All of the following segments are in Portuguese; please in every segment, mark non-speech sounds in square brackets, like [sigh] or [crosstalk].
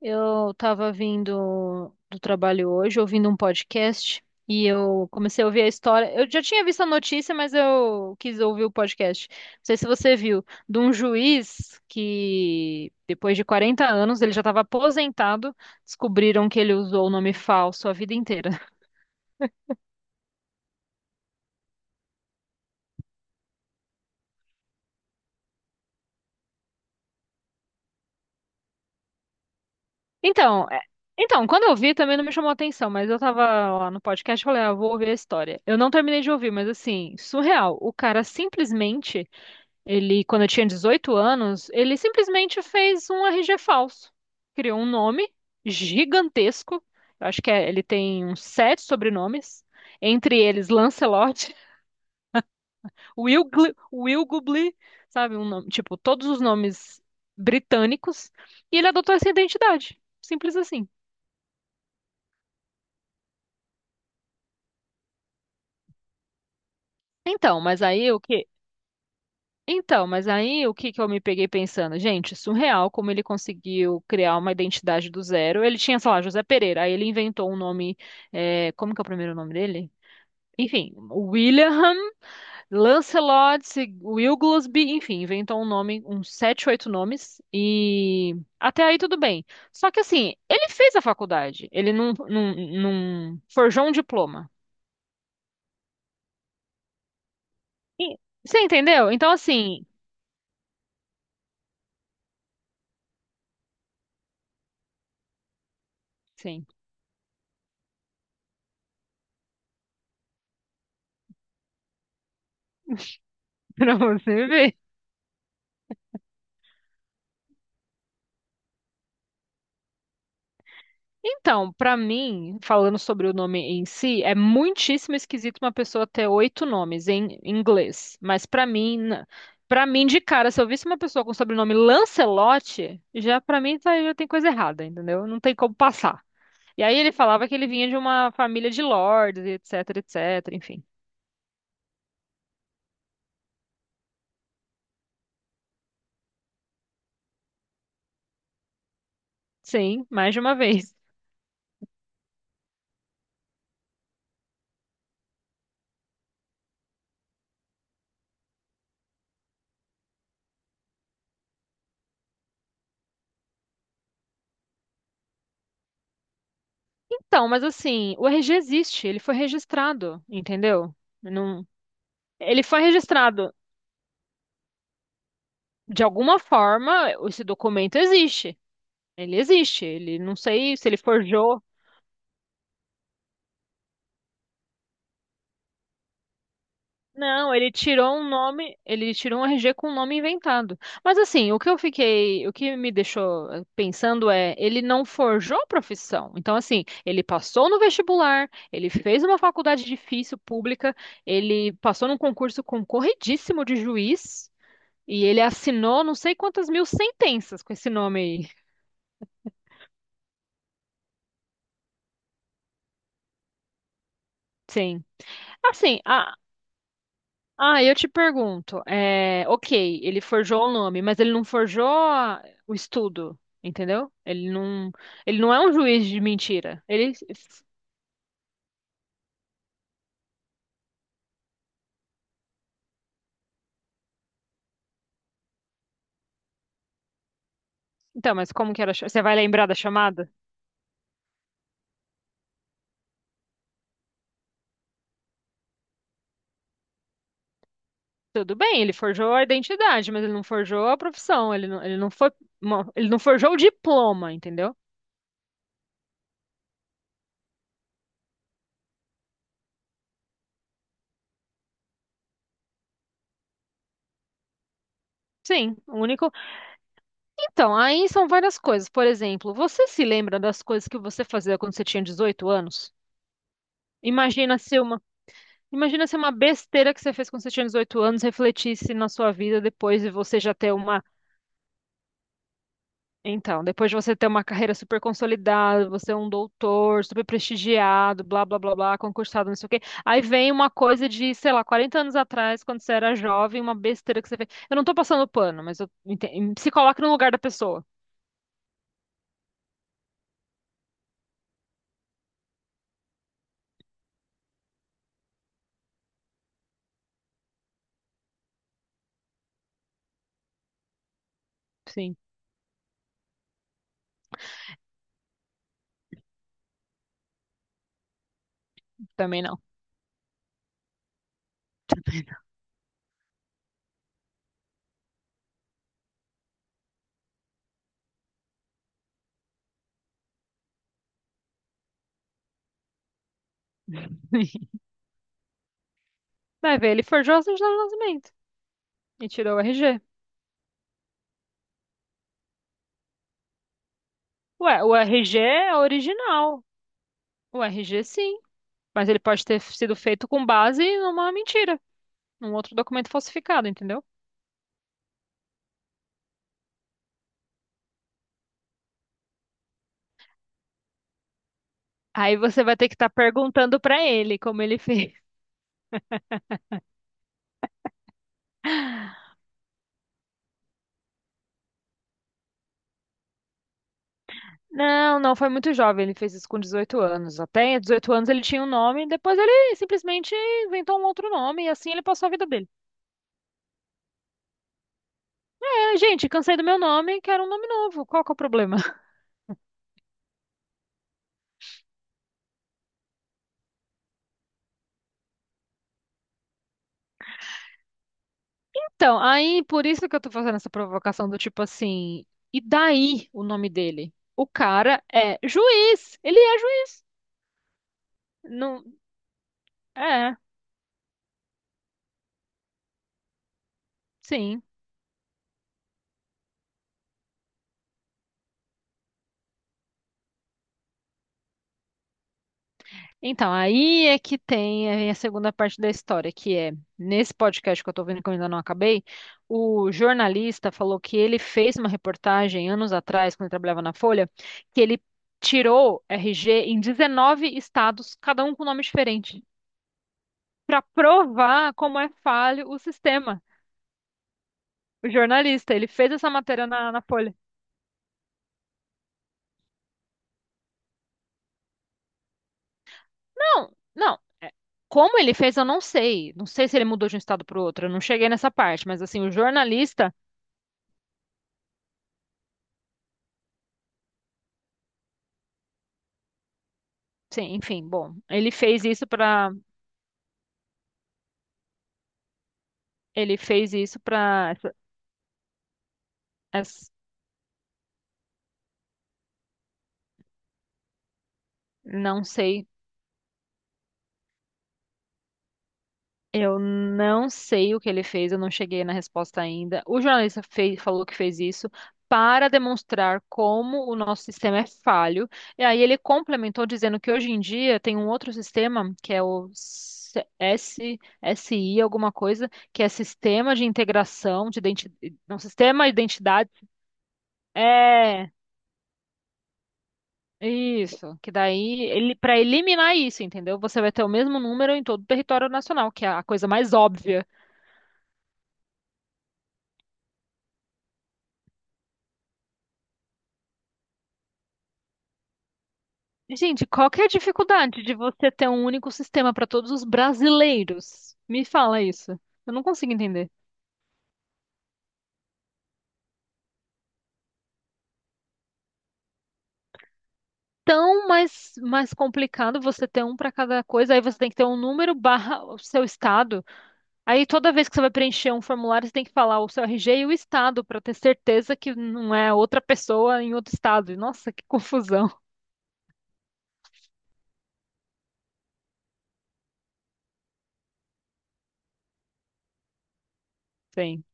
Eu estava vindo do trabalho hoje, ouvindo um podcast, e eu comecei a ouvir a história. Eu já tinha visto a notícia, mas eu quis ouvir o podcast. Não sei se você viu, de um juiz que, depois de 40 anos, ele já estava aposentado, descobriram que ele usou o nome falso a vida inteira. [laughs] Então, é- então, quando eu vi também não me chamou a atenção, mas eu tava lá no podcast e falei, ah, vou ouvir a história. Eu não terminei de ouvir, mas assim, surreal. O cara simplesmente. Ele, quando eu tinha 18 anos, ele simplesmente fez um RG falso. Criou um nome gigantesco. Eu acho ele tem uns sete sobrenomes, entre eles Lancelot, [laughs] Wilgubli, sabe? Tipo, todos os nomes britânicos. E ele adotou essa identidade. Simples assim. Então, mas aí o que Então, mas aí o que que eu me peguei pensando? Gente, surreal como ele conseguiu criar uma identidade do zero. Ele tinha, sei lá, José Pereira, aí ele inventou um nome. É, como que é o primeiro nome dele? Enfim, William, Lancelot, Wilglesby, enfim, inventou um nome, uns sete, oito nomes, e até aí tudo bem. Só que assim, ele fez a faculdade, ele não, não, não forjou um diploma. E- Você entendeu? Então, assim, sim, [laughs] pra você ver. Então, pra mim, falando sobre o nome em si, é muitíssimo esquisito uma pessoa ter oito nomes em inglês. Pra mim de cara, se eu visse uma pessoa com sobrenome Lancelotti, já pra mim tá- já tem coisa errada, entendeu? Não tem como passar. E aí ele falava que ele vinha de uma família de lords, e etc, etc, enfim. Sim, mais de uma vez. Então, mas assim, o RG existe, ele foi registrado, entendeu? Não. Ele foi registrado de alguma forma, esse documento existe. Ele existe, ele não sei se ele forjou. Não, ele tirou um RG com um nome inventado. Mas assim, o que me deixou pensando é, ele não forjou a profissão. Então assim, ele passou no vestibular, ele fez uma faculdade difícil pública, ele passou num concurso concorridíssimo de juiz e ele assinou não sei quantas mil sentenças com esse nome aí. Sim. Assim, a, Ah, eu te pergunto, é, ok, ele forjou o nome, mas ele não forjou o estudo, entendeu? Ele não é um juiz de mentira. Ele, então, mas como que era? Você vai lembrar da chamada? Tudo bem, ele forjou a identidade, mas ele não forjou a profissão. Ele não forjou o diploma, entendeu? Sim, o único. Então, aí são várias coisas. Por exemplo, você se lembra das coisas que você fazia quando você tinha 18 anos? Imagina se uma Imagina se uma besteira que você fez quando você tinha 18 anos refletisse na sua vida depois de você já ter uma. Então, depois de você ter uma carreira super consolidada, você é um doutor, super prestigiado, blá, blá, blá, blá, concursado, não sei o quê. Aí vem uma coisa de, sei lá, 40 anos atrás, quando você era jovem, uma besteira que você fez. Eu não tô passando pano, mas se coloca no lugar da pessoa. Sim, também não. [laughs] Vai ver, ele forjou a certidão de nascimento e tirou o RG. Ué, o RG é original. O RG, sim. Mas ele pode ter sido feito com base numa mentira, num outro documento falsificado, entendeu? Aí você vai ter que estar perguntando pra ele como ele [laughs] fez. Não, não, foi muito jovem, ele fez isso com 18 anos. Até 18 anos ele tinha um nome, depois ele simplesmente inventou um outro nome e assim ele passou a vida dele. É, gente, cansei do meu nome, quero um nome novo. Qual que é o problema? [laughs] Então, aí por isso que eu tô fazendo essa provocação do tipo assim, e daí o nome dele? O cara é juiz, ele é juiz. Não, é, sim. Então, aí é que tem a segunda parte da história, que é, nesse podcast que eu tô vendo que eu ainda não acabei, o jornalista falou que ele fez uma reportagem anos atrás, quando ele trabalhava na Folha, que ele tirou RG em 19 estados, cada um com nome diferente, para provar como é falho o sistema. O jornalista, ele fez essa matéria na Folha. Não, não. Como ele fez, eu não sei. Não sei se ele mudou de um estado para o outro. Eu não cheguei nessa parte, mas assim, o jornalista sim, enfim, bom, ele fez isso para, não sei, eu não sei o que ele fez, eu não cheguei na resposta ainda. O jornalista fez, falou que fez isso para demonstrar como o nosso sistema é falho. E aí ele complementou dizendo que hoje em dia tem um outro sistema que é o S- S SI alguma coisa, que é sistema de integração de identidade, não, sistema de identidade, é. Isso, que daí ele para eliminar isso, entendeu? Você vai ter o mesmo número em todo o território nacional, que é a coisa mais óbvia. Gente, qual que é a dificuldade de você ter um único sistema para todos os brasileiros? Me fala isso. Eu não consigo entender. Tão mais complicado você ter um para cada coisa, aí você tem que ter um número barra o seu estado. Aí toda vez que você vai preencher um formulário, você tem que falar o seu RG e o estado para ter certeza que não é outra pessoa em outro estado. Nossa, que confusão. Sim.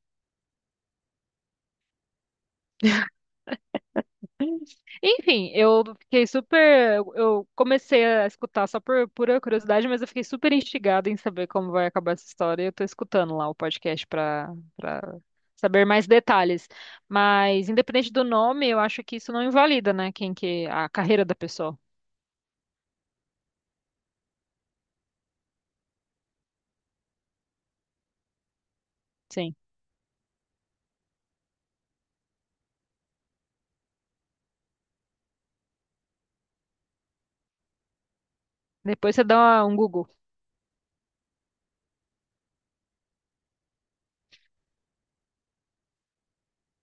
Enfim, eu fiquei super. Eu comecei a escutar só por pura curiosidade, mas eu fiquei super instigada em saber como vai acabar essa história. E eu tô escutando lá o podcast pra saber mais detalhes. Mas, independente do nome, eu acho que isso não invalida, né? Quem que. A carreira da pessoa. Sim. Depois você dá um Google.